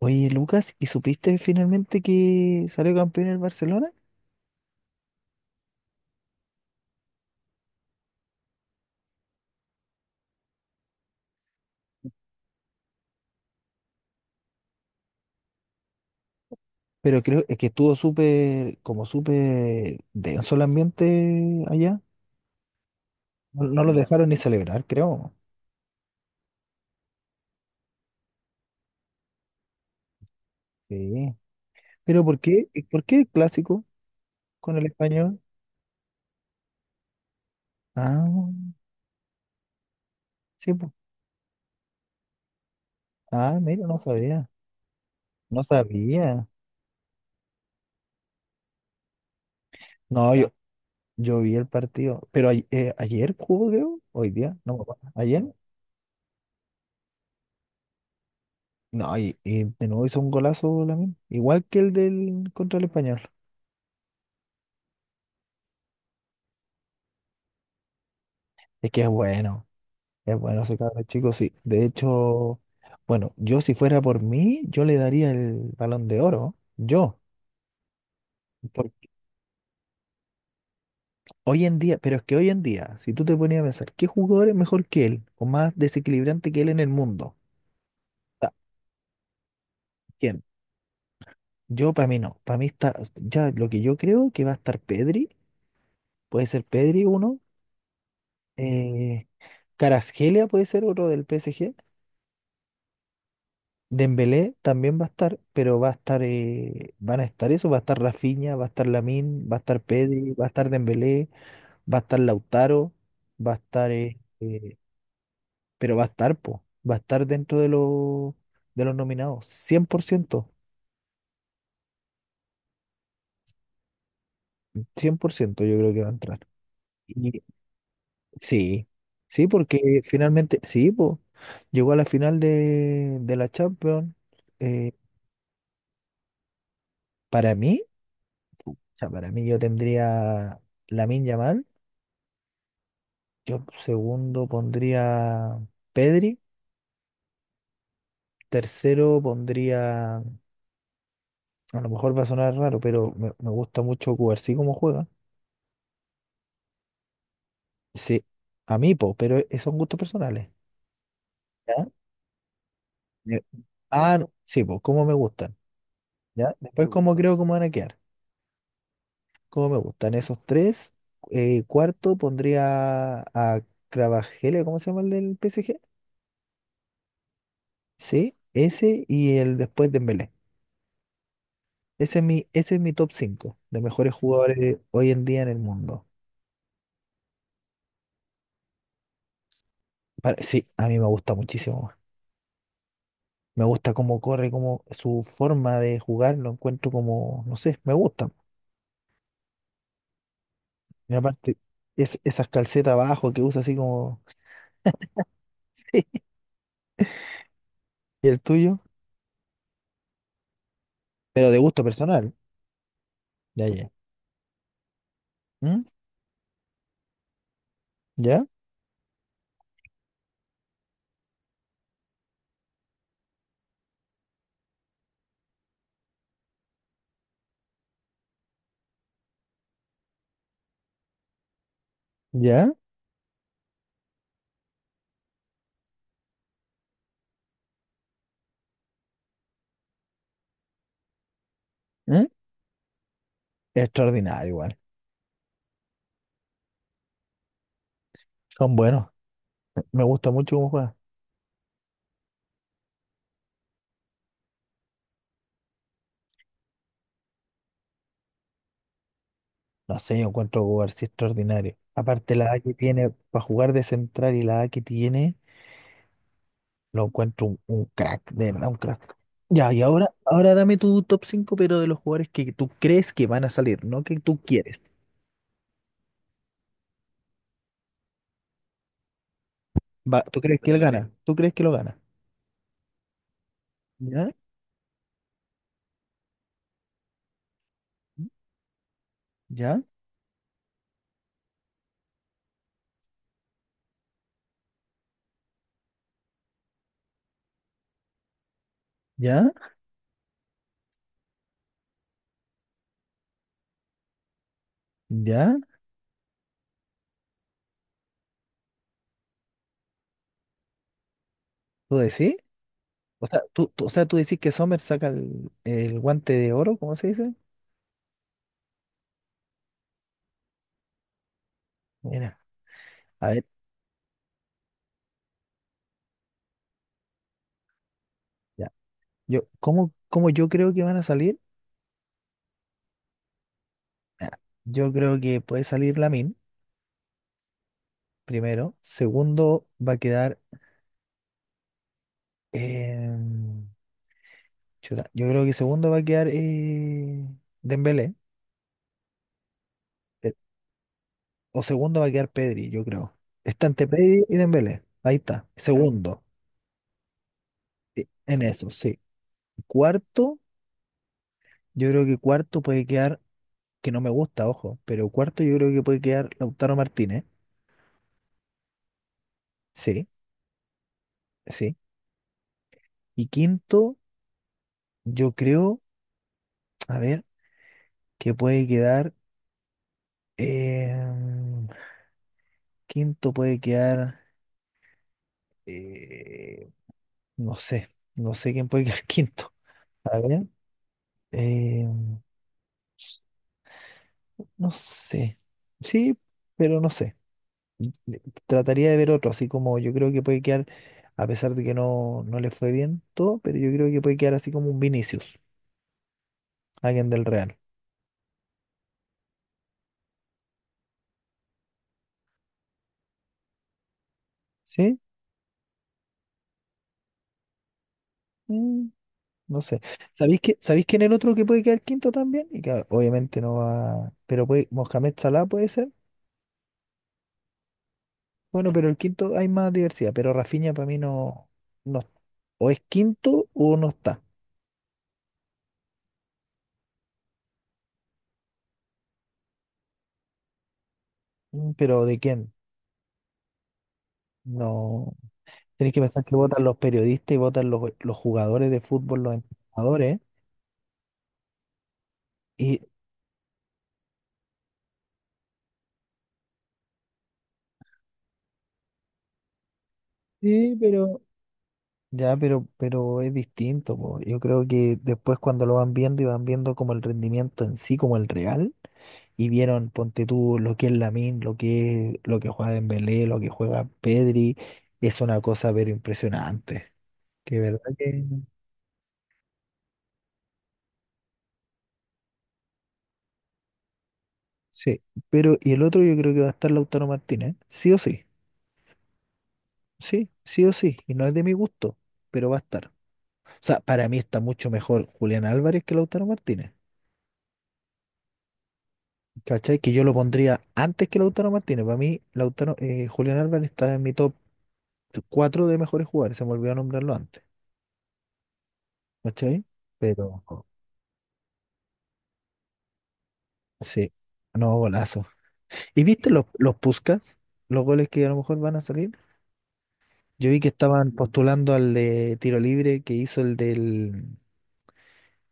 Oye, Lucas, ¿y supiste finalmente que salió campeón el Barcelona? Pero creo es que estuvo súper, como súper denso el ambiente allá. No, no los dejaron ni celebrar, creo. Sí. Pero ¿por qué? ¿Por qué el clásico con el español? Ah, sí, pues. Ah, mira, no sabía. No sabía. No, yo vi el partido. Pero ayer jugó, creo. Hoy día, no me acuerdo. ¿Ayer? No, y de nuevo hizo un golazo Lamine. Igual que el del contra el español. Es que es bueno ese cabrón chico, sí. De hecho, bueno, yo si fuera por mí, yo le daría el balón de oro, yo. Porque hoy en día, pero es que hoy en día, si tú te ponías a pensar, ¿qué jugador es mejor que él o más desequilibrante que él en el mundo? Ta- ¿Quién? Yo para mí no, para mí está, ya lo que yo creo que va a estar Pedri, puede ser Pedri uno, eh, Kvaratskhelia puede ser otro del PSG, Dembélé también va a estar, pero va a estar, van a estar eso, va a estar Rafinha, va a estar Lamine, va a estar Pedri, va a estar Dembélé, va a estar Lautaro, va a estar, pero va a estar, po, va a estar dentro de los nominados, cien por ciento, 100%. Yo creo que va a entrar. Y sí, sí, porque finalmente, sí, po, llegó a la final de la Champions, eh, para mí, o sea, para mí yo tendría Lamine Yamal. Yo segundo pondría Pedri, tercero pondría, a lo mejor va a sonar raro, pero me gusta mucho Cubarsí como juega. Sí, a mí, po, pero son gustos personales. ¿Ya? Me- Ah, no, sí, po, cómo me gustan. ¿Ya? Después cómo creo cómo van a quedar. Cómo me gustan esos tres. Cuarto pondría a Cravajele, ¿cómo se llama el del PSG? Sí, ese y el después de Dembélé. Ese es mi top 5 de mejores jugadores hoy en día en el mundo. Sí, a mí me gusta muchísimo, weón. Me gusta cómo corre, cómo su forma de jugar, lo encuentro como, no sé, me gusta. Y aparte, esas calcetas abajo que usa así como y el tuyo, pero de gusto personal. Ya, ya. ¿Mm? ¿Ya? ¿Ya? ¿Mm? Extraordinario igual. Son buenos. Me gusta mucho cómo juega. No sé, yo encuentro jugar sí extraordinario. Aparte la edad que tiene para jugar de central y la edad que tiene. Lo encuentro un crack, de verdad, un crack. Ya, y ahora dame tu top 5 pero de los jugadores que tú crees que van a salir, no que tú quieres. Va, ¿tú crees que él gana? ¿Tú crees que lo gana? ¿Ya? ¿Ya? ¿Ya? ¿Ya? ¿Tú decís? O sea, o sea, tú decís que Sommer saca el guante de oro, ¿cómo se dice? Mira, a ver, ya. Yo, ¿cómo yo creo que van a salir? Ah, yo creo que puede salir Lamin primero. Segundo, va a quedar. em, Chuta, yo creo que segundo va a quedar Dembélé. eh, O segundo va a quedar Pedri, yo creo. Está entre Pedri y Dembélé. Ahí está. Segundo. En eso, sí. Cuarto, yo creo que cuarto puede quedar, que no me gusta, ojo, pero cuarto yo creo que puede quedar Lautaro Martínez. Sí, sí. Y quinto, yo creo, a ver, que puede quedar. em, quinto puede quedar. eh, no sé. No sé quién puede quedar quinto. A ver. Eh, no sé. Sí, pero no sé. Le- Trataría de ver otro, así como yo creo que puede quedar, a pesar de que no, no le fue bien todo, pero yo creo que puede quedar así como un Vinicius, alguien del Real. ¿Sí? Mm, no sé. ¿Sabéis quién es el otro que puede quedar quinto también? Y que obviamente no va. Pero puede, Mohamed Salah puede ser. Bueno, pero el quinto hay más diversidad, pero Rafinha para mí no, no. O es quinto o no está. Pero ¿de quién? No. Tenés que pensar que votan los periodistas y votan los jugadores de fútbol, los entrenadores. Y sí, pero ya, pero es distinto, po. Yo creo que después cuando lo van viendo y van viendo como el rendimiento en sí, como el real, y vieron, ponte tú, lo que es Lamine, lo que juega Dembélé, lo que juega Pedri, es una cosa pero impresionante. Que verdad que sí. Pero, y el otro yo creo que va a estar Lautaro Martínez, ¿eh? Sí o sí, sí, sí o sí, y no es de mi gusto, pero va a estar. O sea, para mí está mucho mejor Julián Álvarez que Lautaro Martínez. ¿Cachai? Que yo lo pondría antes que Lautaro Martínez. Para mí, Julián Álvarez está en mi top 4 de mejores jugadores. Se me olvidó nombrarlo antes. ¿Cachai? Pero sí, no, golazo. ¿Y viste los Puskás? Los goles que a lo mejor van a salir. Yo vi que estaban postulando al de tiro libre que hizo el del,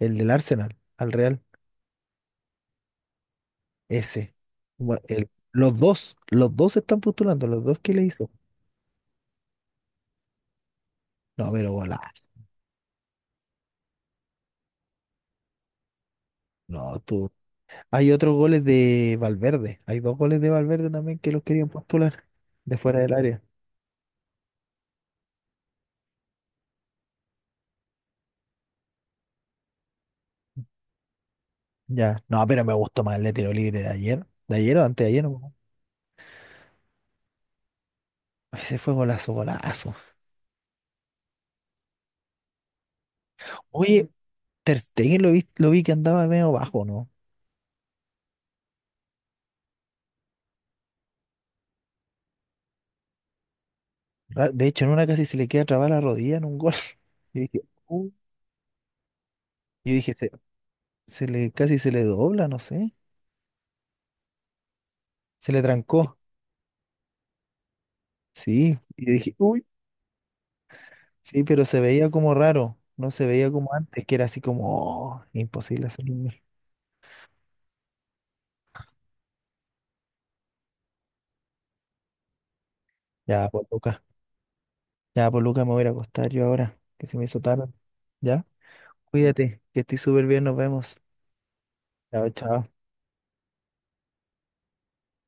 el del Arsenal, al Real. Ese. Gua- el- los dos están postulando, los dos que le hizo. No, pero golazo. No, tú. Hay otros goles de Valverde. Hay dos goles de Valverde también que los querían postular de fuera del área. Ya. No, pero me gustó más el de tiro libre de ayer. ¿De ayer o antes de ayer? No me acuerdo. Ese fue golazo, golazo. Oye, Ter Stegen lo vi que andaba medio bajo, ¿no? De hecho, en una casi se le queda trabada la rodilla en un gol. Y dije, "Uh". Yo dije, se le, casi se le dobla, no sé. Se le trancó. Sí. Y yo dije, uy. Sí, pero se veía como raro. No se veía como antes, que era así como, "Oh, imposible hacerlo. Ya, pues Lucas, ya, pues Lucas, me voy a ir a acostar yo ahora, que se me hizo tarde. Ya, cuídate, que estés súper bien, nos vemos. Chao, chao.